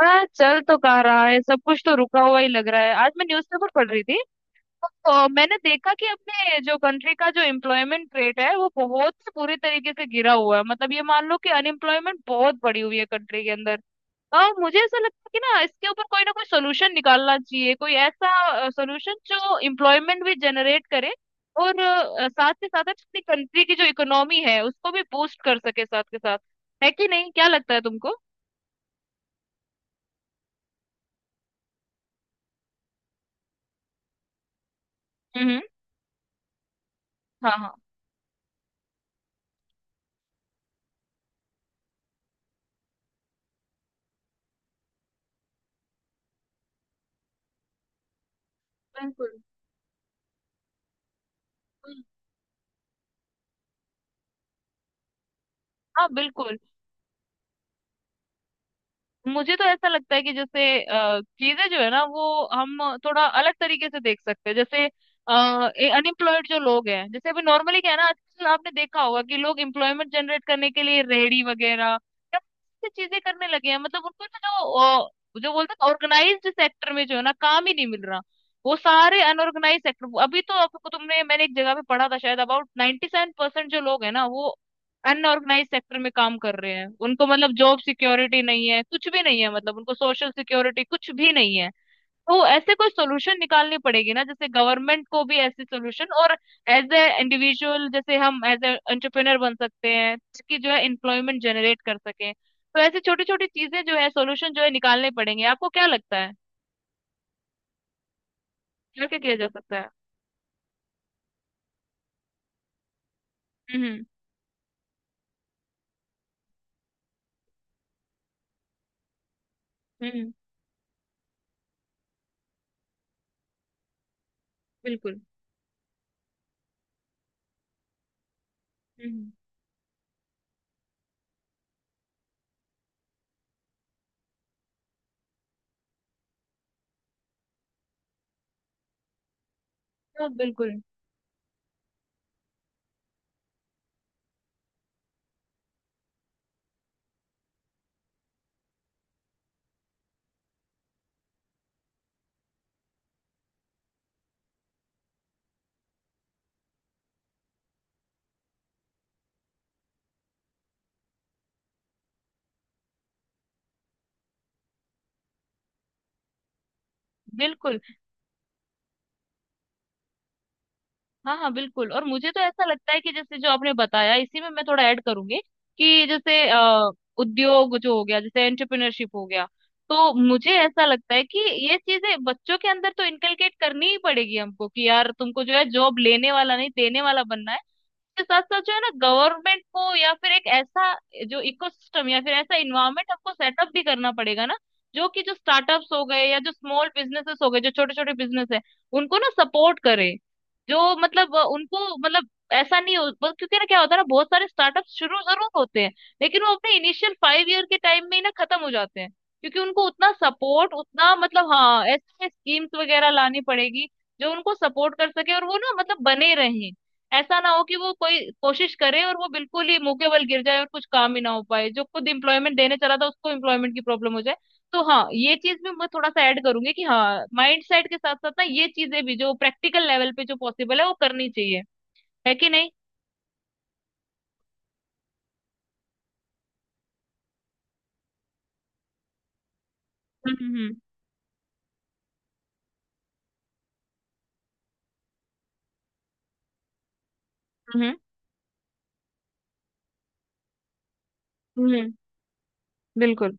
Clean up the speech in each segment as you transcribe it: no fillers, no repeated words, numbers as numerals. हाँ, चल तो कह रहा है। सब कुछ तो रुका हुआ ही लग रहा है। आज मैं न्यूज़पेपर पढ़ रही थी तो मैंने देखा कि अपने जो कंट्री का जो एम्प्लॉयमेंट रेट है वो बहुत ही बुरी तरीके से गिरा हुआ है। मतलब ये मान लो कि अनएम्प्लॉयमेंट बहुत बढ़ी हुई है कंट्री के अंदर। और मुझे ऐसा लगता है कि ना इसके ऊपर कोई ना कोई सोल्यूशन निकालना चाहिए, कोई ऐसा सोल्यूशन जो एम्प्लॉयमेंट भी जनरेट करे और साथ के साथ अपनी कंट्री की जो इकोनॉमी है उसको भी बूस्ट कर सके साथ के साथ। है कि नहीं, क्या लगता है तुमको? हम्म। हाँ, हाँ, बिल्कुल। हाँ, बिल्कुल। मुझे तो ऐसा लगता है कि जैसे चीजें जो है ना वो हम थोड़ा अलग तरीके से देख सकते हैं। जैसे अनएम्प्लॉयड जो लोग हैं, जैसे अभी नॉर्मली क्या है ना, आजकल आपने देखा होगा कि लोग एम्प्लॉयमेंट जनरेट करने के लिए रेहड़ी वगैरह या ऐसी चीजें करने लगे हैं। मतलब उनको ना जो जो बोलते हैं ऑर्गेनाइज्ड सेक्टर में जो है ना काम ही नहीं मिल रहा। वो सारे अनऑर्गेनाइज सेक्टर, अभी तो आपको तुमने मैंने एक जगह पे पढ़ा था शायद अबाउट 97% जो लोग है ना वो अनऑर्गेनाइज सेक्टर में काम कर रहे हैं। उनको मतलब जॉब सिक्योरिटी नहीं है, कुछ भी नहीं है, मतलब उनको सोशल सिक्योरिटी कुछ भी नहीं है। तो ऐसे कोई सोल्यूशन निकालनी पड़ेगी ना, जैसे गवर्नमेंट को भी ऐसे सोल्यूशन, और एज ए इंडिविजुअल जैसे हम एज ए एंटरप्रेनर बन सकते हैं, ताकि जो है एम्प्लॉयमेंट जनरेट कर सके। तो ऐसी छोटी छोटी चीजें जो है सोल्यूशन जो है निकालने पड़ेंगे। आपको क्या लगता है क्या क्या किया जा सकता है? हम्म, हम्म, बिल्कुल। हम्म। हाँ, बिल्कुल, बिल्कुल। हाँ, हाँ, बिल्कुल। और मुझे तो ऐसा लगता है कि जैसे जो आपने बताया इसी में मैं थोड़ा ऐड करूंगी, कि जैसे उद्योग जो हो गया, जैसे एंटरप्रेन्योरशिप हो गया, तो मुझे ऐसा लगता है कि ये चीजें बच्चों के अंदर तो इनकलकेट करनी ही पड़ेगी हमको कि यार तुमको जो है जॉब लेने वाला नहीं, देने वाला बनना है। के साथ साथ जो है ना गवर्नमेंट को या फिर एक ऐसा जो इकोसिस्टम या फिर ऐसा इन्वायरमेंट आपको सेटअप भी करना पड़ेगा ना, जो कि जो स्टार्टअप्स हो गए या जो स्मॉल बिजनेसेस हो गए, जो छोटे छोटे बिजनेस है उनको ना सपोर्ट करे। जो मतलब उनको मतलब ऐसा नहीं हो बस। क्योंकि ना क्या होता है ना, बहुत सारे स्टार्टअप शुरू जरूर होते हैं, लेकिन वो अपने इनिशियल 5 ईयर के टाइम में ही ना खत्म हो जाते हैं। क्योंकि उनको उतना सपोर्ट उतना मतलब, हाँ ऐसे स्कीम्स वगैरह लानी पड़ेगी जो उनको सपोर्ट कर सके और वो ना मतलब बने रहे। ऐसा ना हो कि वो कोई कोशिश करे और वो बिल्कुल ही मुंह के बल गिर जाए और कुछ काम ही ना हो पाए, जो खुद एम्प्लॉयमेंट देने चला था उसको एम्प्लॉयमेंट की प्रॉब्लम हो जाए। तो हाँ ये चीज भी मैं थोड़ा सा ऐड करूंगी कि हाँ, माइंड सेट के साथ साथ ना ये चीजें भी जो प्रैक्टिकल लेवल पे जो पॉसिबल है वो करनी चाहिए। है कि नहीं? हम्म, हम्म, हम्म, हम्म, बिल्कुल।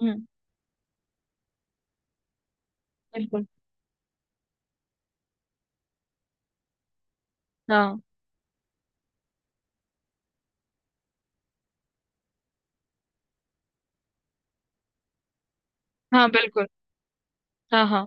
हम्म, बिल्कुल। हाँ, हाँ, बिल्कुल। हाँ, हाँ।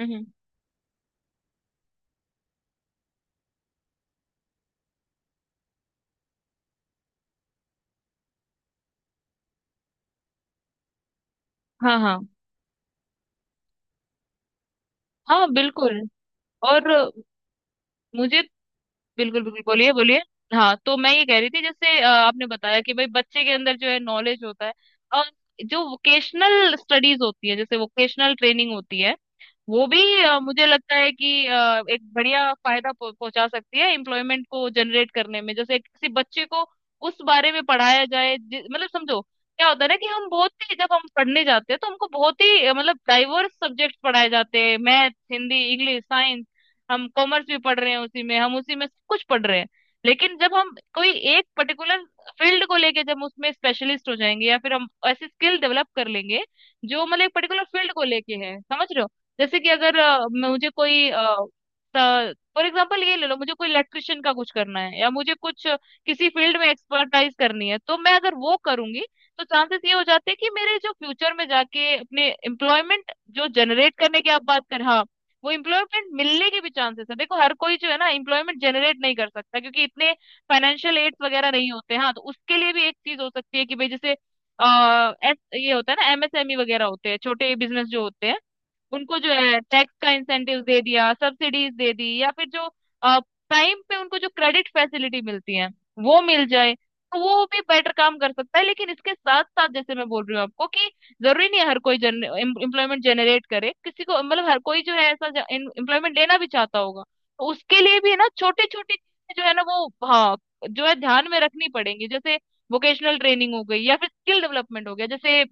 हम्म। हाँ, हाँ, हाँ, बिल्कुल। और मुझे। बिल्कुल, बिल्कुल, बोलिए, बोलिए। हाँ तो मैं ये कह रही थी जैसे आपने बताया कि भाई बच्चे के अंदर जो है नॉलेज होता है और जो वोकेशनल स्टडीज होती है, जैसे वोकेशनल ट्रेनिंग होती है, वो भी मुझे लगता है कि एक बढ़िया फायदा पहुंचा सकती है एम्प्लॉयमेंट को जनरेट करने में। जैसे किसी बच्चे को उस बारे में पढ़ाया जाए मतलब समझो क्या होता है ना, कि हम बहुत ही जब हम पढ़ने जाते हैं तो हमको बहुत ही मतलब डाइवर्स सब्जेक्ट पढ़ाए जाते हैं। Math, Hindi, English, science. हम कॉमर्स भी पढ़ रहे हैं उसी में, हम उसी में सब कुछ पढ़ रहे हैं। लेकिन जब हम कोई एक पर्टिकुलर फील्ड को लेके जब उसमें स्पेशलिस्ट हो जाएंगे, या फिर हम ऐसी स्किल डेवलप कर लेंगे जो मतलब एक पर्टिकुलर फील्ड को लेके है, समझ रहे हो? जैसे कि अगर मुझे कोई, फॉर एग्जाम्पल ये ले लो, मुझे कोई इलेक्ट्रिशियन का कुछ करना है, या मुझे कुछ किसी फील्ड में एक्सपर्टाइज करनी है तो मैं अगर वो करूंगी तो चांसेस ये हो जाते हैं कि मेरे जो फ्यूचर में जाके अपने एम्प्लॉयमेंट जो जनरेट करने की आप बात कर, हाँ, वो एम्प्लॉयमेंट मिलने के भी चांसेस है। देखो हर कोई जो है ना एम्प्लॉयमेंट जनरेट नहीं कर सकता, क्योंकि इतने फाइनेंशियल एड्स वगैरह नहीं होते हैं। हाँ तो उसके लिए भी एक चीज हो सकती है कि भाई, जैसे ये होता है ना एमएसएमई वगैरह होते हैं, छोटे बिजनेस जो होते हैं, उनको जो है टैक्स का इंसेंटिव दे दिया, सब्सिडीज दे दी, या फिर जो टाइम पे उनको जो क्रेडिट फैसिलिटी मिलती है वो मिल जाए, तो वो भी बेटर काम कर सकता है। लेकिन इसके साथ साथ जैसे मैं बोल रही हूँ आपको कि जरूरी नहीं है हर कोई जन एम्प्लॉयमेंट जनरेट करे। किसी को मतलब हर कोई जो है ऐसा एम्प्लॉयमेंट लेना भी चाहता होगा, तो उसके लिए भी है ना छोटी छोटी जो है ना वो, हाँ, जो है ध्यान में रखनी पड़ेंगी। जैसे वोकेशनल ट्रेनिंग हो गई, या फिर स्किल डेवलपमेंट हो गया, जैसे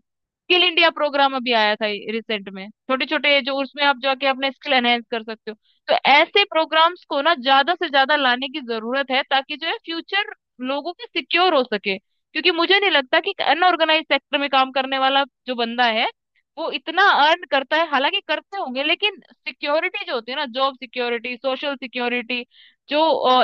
स्किल इंडिया प्रोग्राम अभी आया था रिसेंट में, छोटे छोटे जो उसमें आप जाके अपने स्किल एनहेंस कर सकते हो। तो ऐसे प्रोग्राम्स को ना ज्यादा से ज्यादा लाने की जरूरत है ताकि जो है फ्यूचर लोगों के सिक्योर हो सके। क्योंकि मुझे नहीं लगता कि अनऑर्गेनाइज सेक्टर में काम करने वाला जो बंदा है वो इतना अर्न करता है, हालांकि करते होंगे, लेकिन सिक्योरिटी जो होती है ना, जॉब सिक्योरिटी, सोशल सिक्योरिटी, जो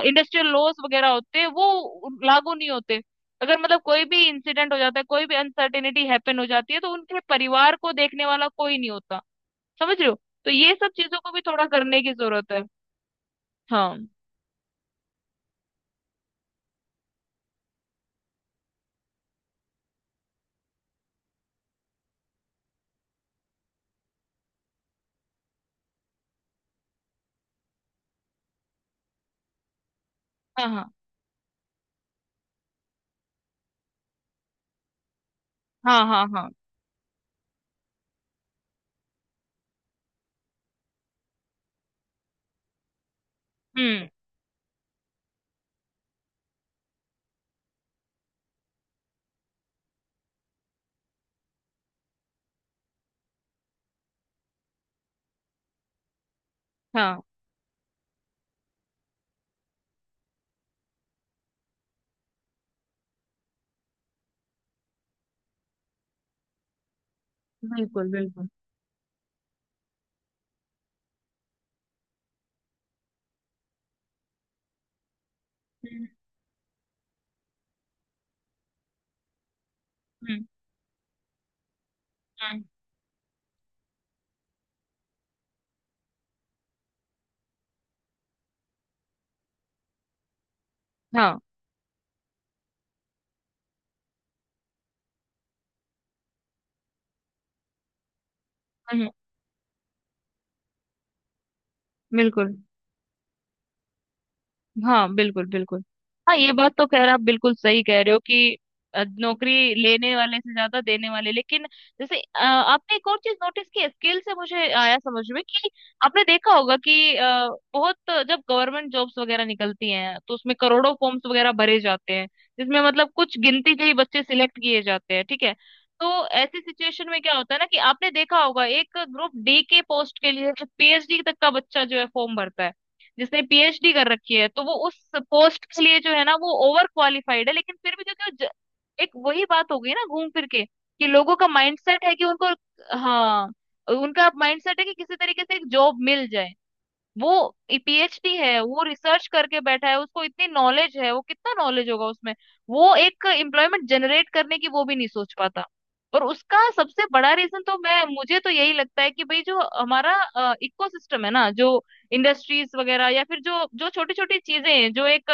इंडस्ट्रियल लॉस वगैरह होते हैं वो लागू नहीं होते। अगर मतलब कोई भी इंसिडेंट हो जाता है, कोई भी अनसर्टेनिटी हैपन हो जाती है, तो उनके परिवार को देखने वाला कोई नहीं होता, समझ रहे हो? तो ये सब चीजों को भी थोड़ा करने की जरूरत है। हाँ, हाँ, हाँ, हाँ, हाँ, हाँ। हम्म। हाँ, बिल्कुल, बिल्कुल। हम्म, हम्म, हम्म, हाँ, हम्म, बिल्कुल। हाँ, बिल्कुल, बिल्कुल। हाँ, ये बात तो खैर आप बिल्कुल सही कह रहे हो कि नौकरी लेने वाले से ज्यादा देने वाले, लेकिन जैसे आपने एक और चीज नोटिस की, स्किल से मुझे आया समझ में, कि आपने देखा होगा कि बहुत जब गवर्नमेंट जॉब्स वगैरह निकलती हैं तो उसमें करोड़ों फॉर्म्स वगैरह भरे जाते हैं, जिसमें मतलब कुछ गिनती के ही बच्चे सिलेक्ट किए जाते हैं, ठीक है? तो ऐसी सिचुएशन में क्या होता है ना, कि आपने देखा होगा एक ग्रुप डी के पोस्ट के लिए पीएचडी तक का बच्चा जो है फॉर्म भरता है, जिसने पीएचडी कर रखी है। तो वो उस पोस्ट के लिए जो है ना वो ओवर क्वालिफाइड है, लेकिन फिर भी जो कि वो एक वही बात हो गई ना, घूम फिर के कि लोगों का माइंडसेट है कि उनको, हाँ, उनका माइंडसेट है कि किसी तरीके से एक जॉब मिल जाए। वो पीएचडी है, वो रिसर्च करके बैठा है, उसको इतनी नॉलेज है, वो कितना नॉलेज होगा उसमें, वो एक एम्प्लॉयमेंट जनरेट करने की वो भी नहीं सोच पाता। और उसका सबसे बड़ा रीजन तो मैं मुझे तो यही लगता है कि भाई जो हमारा इकोसिस्टम है ना, जो इंडस्ट्रीज वगैरह या फिर जो जो छोटी छोटी चीजें हैं जो एक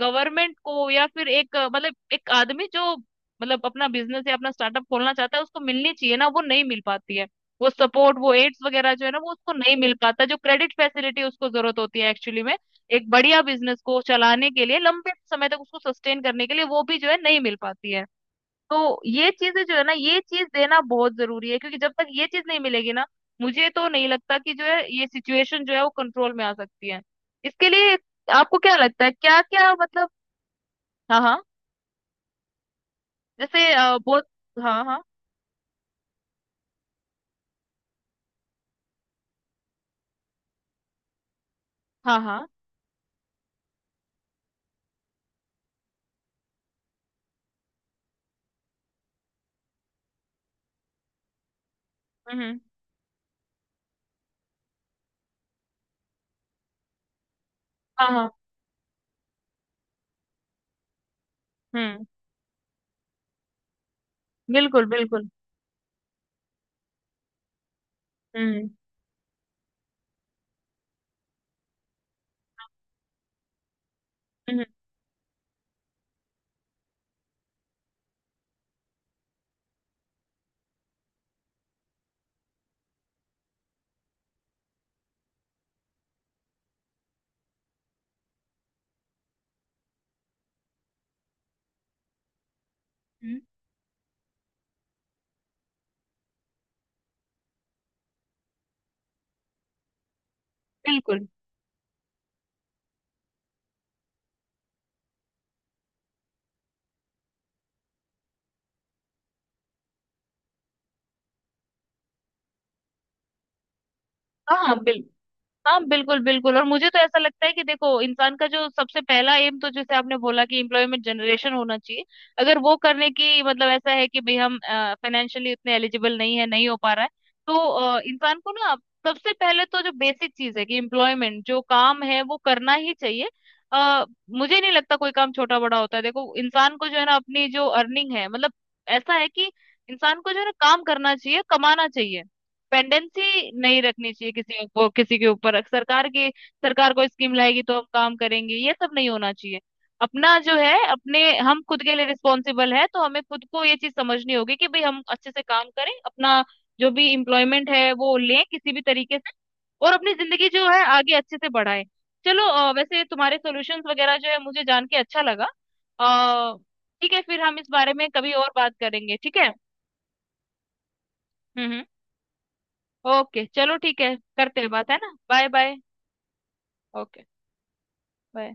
गवर्नमेंट को या फिर एक मतलब एक आदमी जो मतलब अपना बिजनेस या अपना स्टार्टअप खोलना चाहता है उसको मिलनी चाहिए ना, वो नहीं मिल पाती है। वो सपोर्ट, वो एड्स वगैरह जो है ना वो उसको नहीं मिल पाता, जो क्रेडिट फैसिलिटी उसको जरूरत होती है एक्चुअली में, एक बढ़िया बिजनेस को चलाने के लिए लंबे समय तक उसको सस्टेन करने के लिए, वो भी जो है नहीं मिल पाती है। तो ये चीजें जो है ना ये चीज देना बहुत जरूरी है, क्योंकि जब तक ये चीज नहीं मिलेगी ना, मुझे तो नहीं लगता कि जो है ये सिचुएशन जो है वो कंट्रोल में आ सकती है। इसके लिए आपको क्या लगता है, क्या क्या मतलब? हाँ, हाँ। जैसे बहुत। हाँ, हाँ, हाँ, हाँ। हम्म, हाँ, हाँ। हम्म, बिल्कुल, बिल्कुल। हम्म, हम्म, हम्म। बिल्कुल। हाँ, हाँ, बिल हाँ, बिल्कुल, बिल्कुल। और मुझे तो ऐसा लगता है कि देखो इंसान का जो सबसे पहला एम तो, जैसे आपने बोला कि एम्प्लॉयमेंट जनरेशन होना चाहिए, अगर वो करने की मतलब ऐसा है कि भाई हम फाइनेंशियली उतने एलिजिबल नहीं है, नहीं हो पा रहा है, तो इंसान को ना सबसे पहले तो जो बेसिक चीज है, कि एम्प्लॉयमेंट जो काम है वो करना ही चाहिए। आ, मुझे नहीं लगता कोई काम छोटा बड़ा होता है। देखो इंसान को जो है ना अपनी जो अर्निंग है, मतलब ऐसा है कि इंसान को जो है ना काम करना चाहिए, कमाना चाहिए। डिपेंडेंसी नहीं रखनी चाहिए किसी को किसी के ऊपर, सरकार की। सरकार कोई स्कीम लाएगी तो हम काम करेंगे, ये सब नहीं होना चाहिए। अपना जो है अपने, हम खुद के लिए रिस्पॉन्सिबल है, तो हमें खुद को ये चीज समझनी होगी कि भाई हम अच्छे से काम करें, अपना जो भी इम्प्लॉयमेंट है वो लें किसी भी तरीके से, और अपनी जिंदगी जो है आगे अच्छे से बढ़ाएं। चलो, वैसे तुम्हारे सॉल्यूशंस वगैरह जो है मुझे जान के अच्छा लगा। अ, ठीक है, फिर हम इस बारे में कभी और बात करेंगे, ठीक है? हम्म, ओके चलो, ठीक है, करते हैं बात, है ना? Bye bye. Okay bye.